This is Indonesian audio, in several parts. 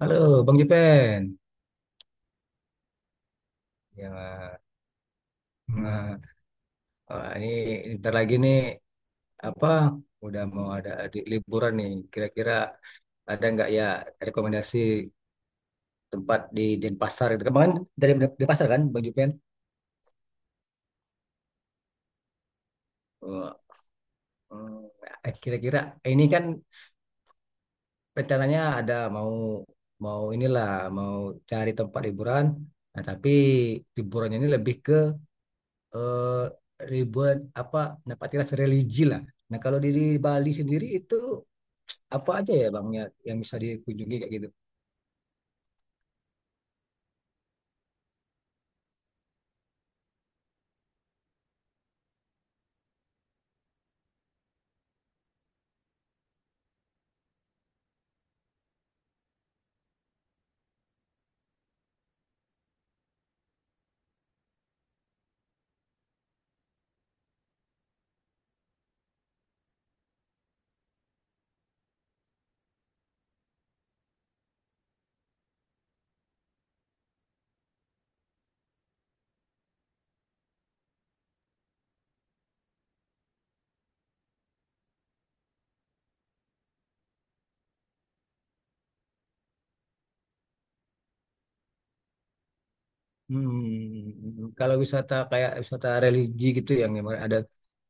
Halo, Bang Jepen. Ya, nah, wah, ini ntar lagi nih apa? Udah mau ada di liburan nih. Kira-kira ada nggak ya rekomendasi tempat di Denpasar? Gitu kan, Bang, kan dari Denpasar kan, Bang Jepen? Eh, Kira-kira ini kan rencananya ada mau mau inilah mau cari tempat liburan. Nah, tapi liburannya ini lebih ke eh, liburan apa? Tempat religi lah. Nah, kalau di Bali sendiri itu apa aja ya, Bang, ya, yang bisa dikunjungi kayak gitu? Hmm, kalau wisata kayak wisata religi gitu yang memang ada,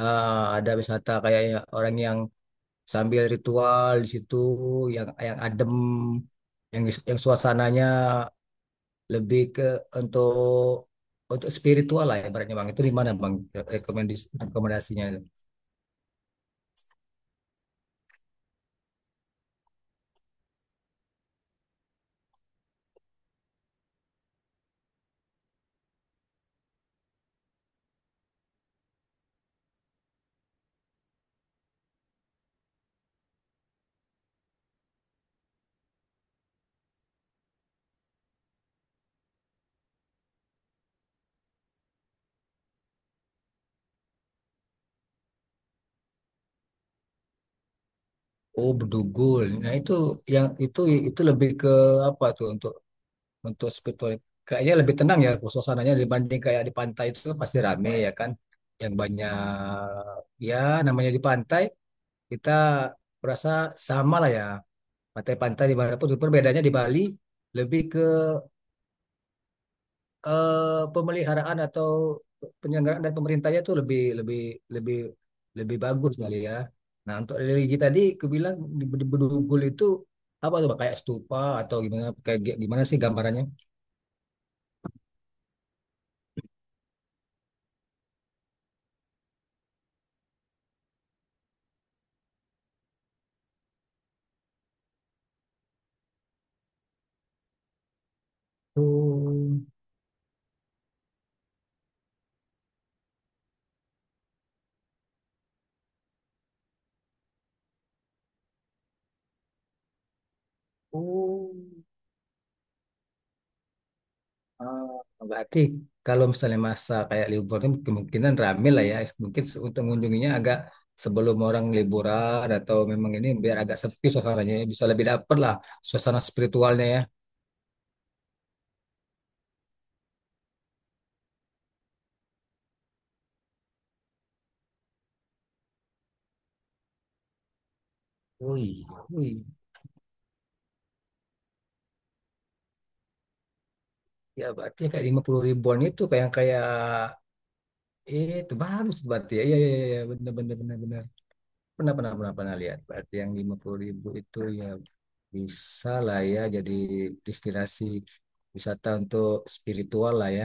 eh, ada wisata kayak ya orang yang sambil ritual di situ yang adem yang yang suasananya lebih ke untuk spiritual lah ya, ibaratnya, Bang. Itu di mana, Bang, rekomendasinya itu? Oh, Bedugul. Nah, itu yang itu lebih ke apa tuh, untuk spiritual, kayaknya lebih tenang ya suasananya, dibanding kayak di pantai itu pasti rame ya kan, yang banyak. Ya namanya di pantai kita berasa sama lah ya, pantai-pantai di mana pun, cuma bedanya di Bali lebih ke pemeliharaan atau penyelenggaraan dari pemerintahnya tuh lebih lebih lebih lebih bagus kali ya. Nah, untuk religi tadi kebilang di Bedugul itu apa tuh, Pak? Kayak stupa atau gimana, gimana sih gambarannya? Oh, oh. Oh, berarti kalau misalnya masa kayak liburan, kemungkinan rame lah ya. Mungkin untuk mengunjunginya agak sebelum orang liburan, atau memang ini biar agak sepi suasananya ya. Bisa lebih dapet lah suasana spiritualnya ya. Wih, wih. Ya berarti kayak 50 ribuan itu kayak yang kayak, itu bagus berarti ya. Iya, iya, iya, iya. Benar, benar, benar, benar. Pernah, pernah, pernah, pernah lihat. Berarti yang 50 ribu itu ya, bisa lah ya jadi destinasi wisata untuk spiritual lah ya.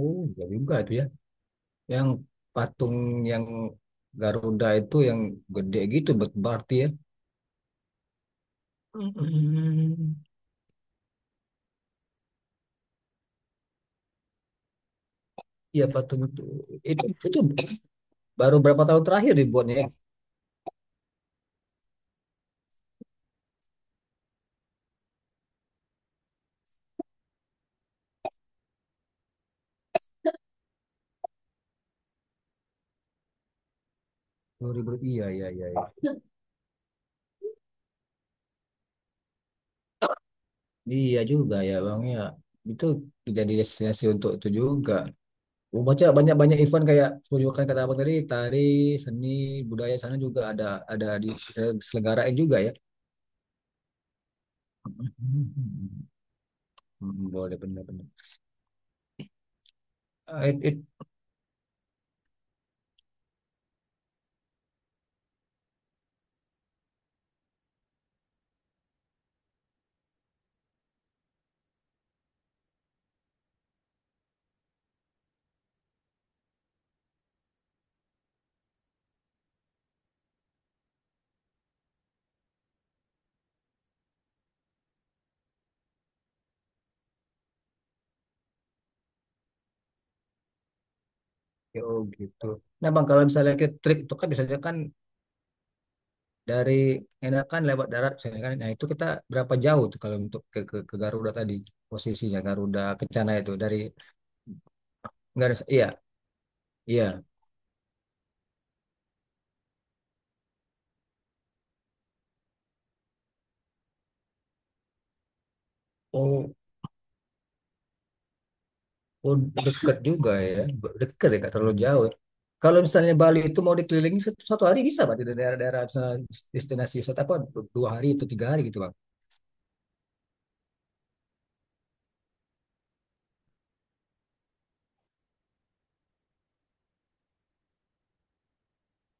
Oh, iya juga itu ya. Yang patung yang Garuda itu yang gede gitu, berarti ya. Mm. Iya, patung itu. Itu baru berapa tahun terakhir dibuatnya ya? 2000. Iya, iya, iya, iya. Iya juga ya, Bang, ya. Itu jadi destinasi untuk itu juga. Gua baca banyak-banyak event kayak tunjukkan kata Abang tadi, tari, seni, budaya, sana juga ada diselenggarain juga ya. Hmm, boleh benar-benar. Oh gitu. Nah, bang, kalau misalnya kita trip itu kan biasanya kan dari enakan lewat darat misalnya kan. Nah itu kita berapa jauh tuh kalau untuk ke, ke Garuda tadi, posisinya Garuda Kencana itu dari, nggak ada, iya, iya. Oh, oh, deket juga ya, deket ya, nggak terlalu jauh. Kalau misalnya Bali itu mau dikelilingi satu hari bisa, berarti dari daerah-daerah, misalnya destinasi wisata apa, dua hari atau tiga hari gitu, bang?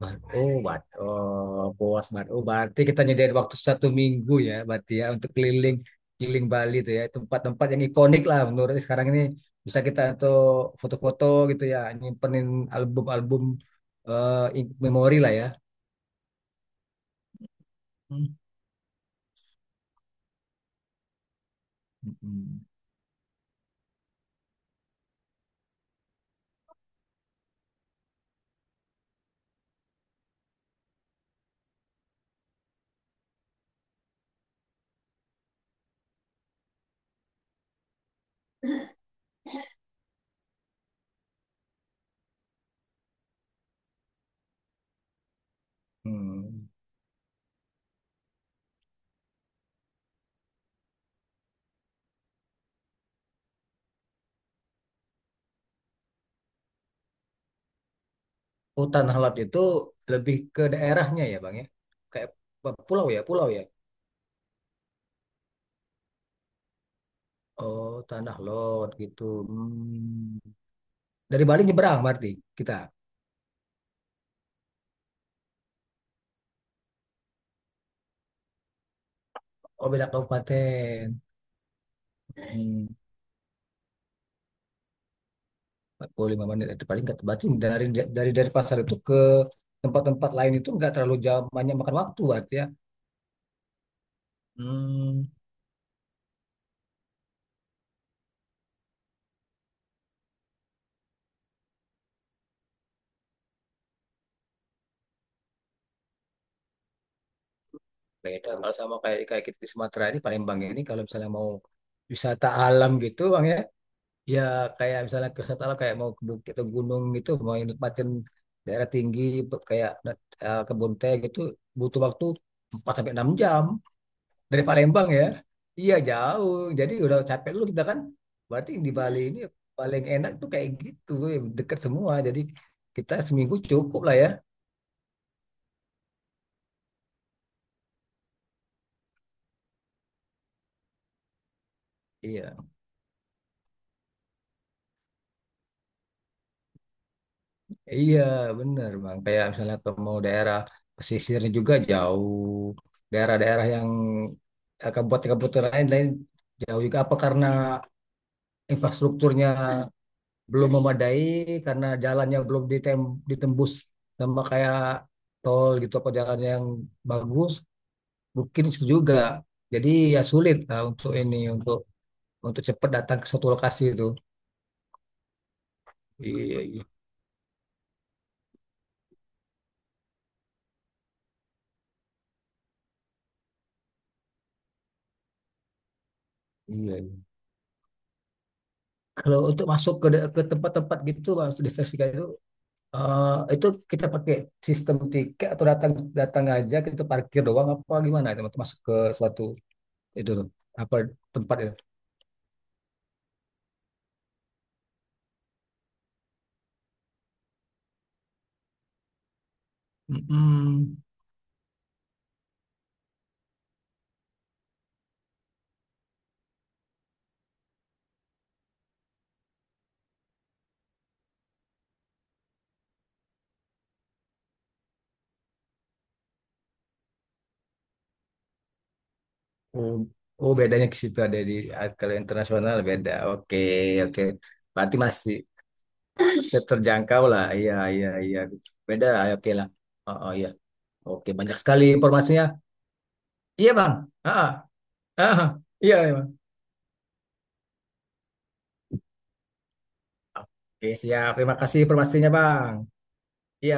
Oh, bat, oh, puas bat. Oh, berarti kita nyediain waktu satu minggu ya, berarti ya untuk keliling keliling Bali itu ya, tempat-tempat yang ikonik lah menurut sekarang ini bisa kita untuk foto-foto gitu ya, nyimpenin album-album, memori lah ya. Hmm. Hmm. Hmm. Oh, Tanah Lot itu lebih ke daerahnya ya, Bang, ya. Kayak pulau ya, pulau ya. Oh, Tanah Lot gitu. Hmm. Dari Bali nyebrang berarti kita. Oh, beda kabupaten. Hmm, 45 menit itu paling nggak, berarti dari dari pasar itu ke tempat-tempat lain itu nggak terlalu jauh, banyak makan waktu berarti ya. Hmm, beda kalau sama kayak kayak kita di Sumatera ini, Palembang ini, kalau misalnya mau wisata alam gitu bang ya, ya kayak misalnya ke wisata alam kayak mau ke bukit atau gunung gitu, mau nikmatin daerah tinggi kayak kebun teh gitu, butuh waktu 4 sampai 6 jam. Dari Palembang ya? Iya, jauh. Jadi udah capek dulu kita kan. Berarti di Bali ini paling enak tuh kayak gitu, dekat semua. Jadi kita seminggu cukup lah ya. Iya, iya, bener bang. Kayak misalnya ke mau daerah pesisirnya juga jauh, daerah-daerah yang kabupaten-kabupaten lain lain jauh juga. Apa karena infrastrukturnya belum memadai, karena jalannya belum ditembus sama kayak tol gitu, apa jalan yang bagus, booking juga. Jadi ya sulit lah untuk ini, untuk cepat datang ke suatu lokasi itu. Iya, iya, iya. Iya. Kalau untuk masuk ke tempat-tempat gitu, masuk destinasi kayak itu, eh, itu kita pakai sistem tiket atau datang, datang aja, kita parkir doang apa gimana itu untuk masuk ke suatu itu tuh, apa, tempat itu. Mm-mm. Oh, oh, bedanya ke situ ada di kalau internasional beda. Oke, oke. Berarti masih terjangkau lah, iya, iya, iya, beda ya, oke lah, oh, oh, iya, oke, banyak sekali informasinya, iya, bang, ah ah, ah, iya, iya, bang, oke siap, terima kasih informasinya, bang, iya.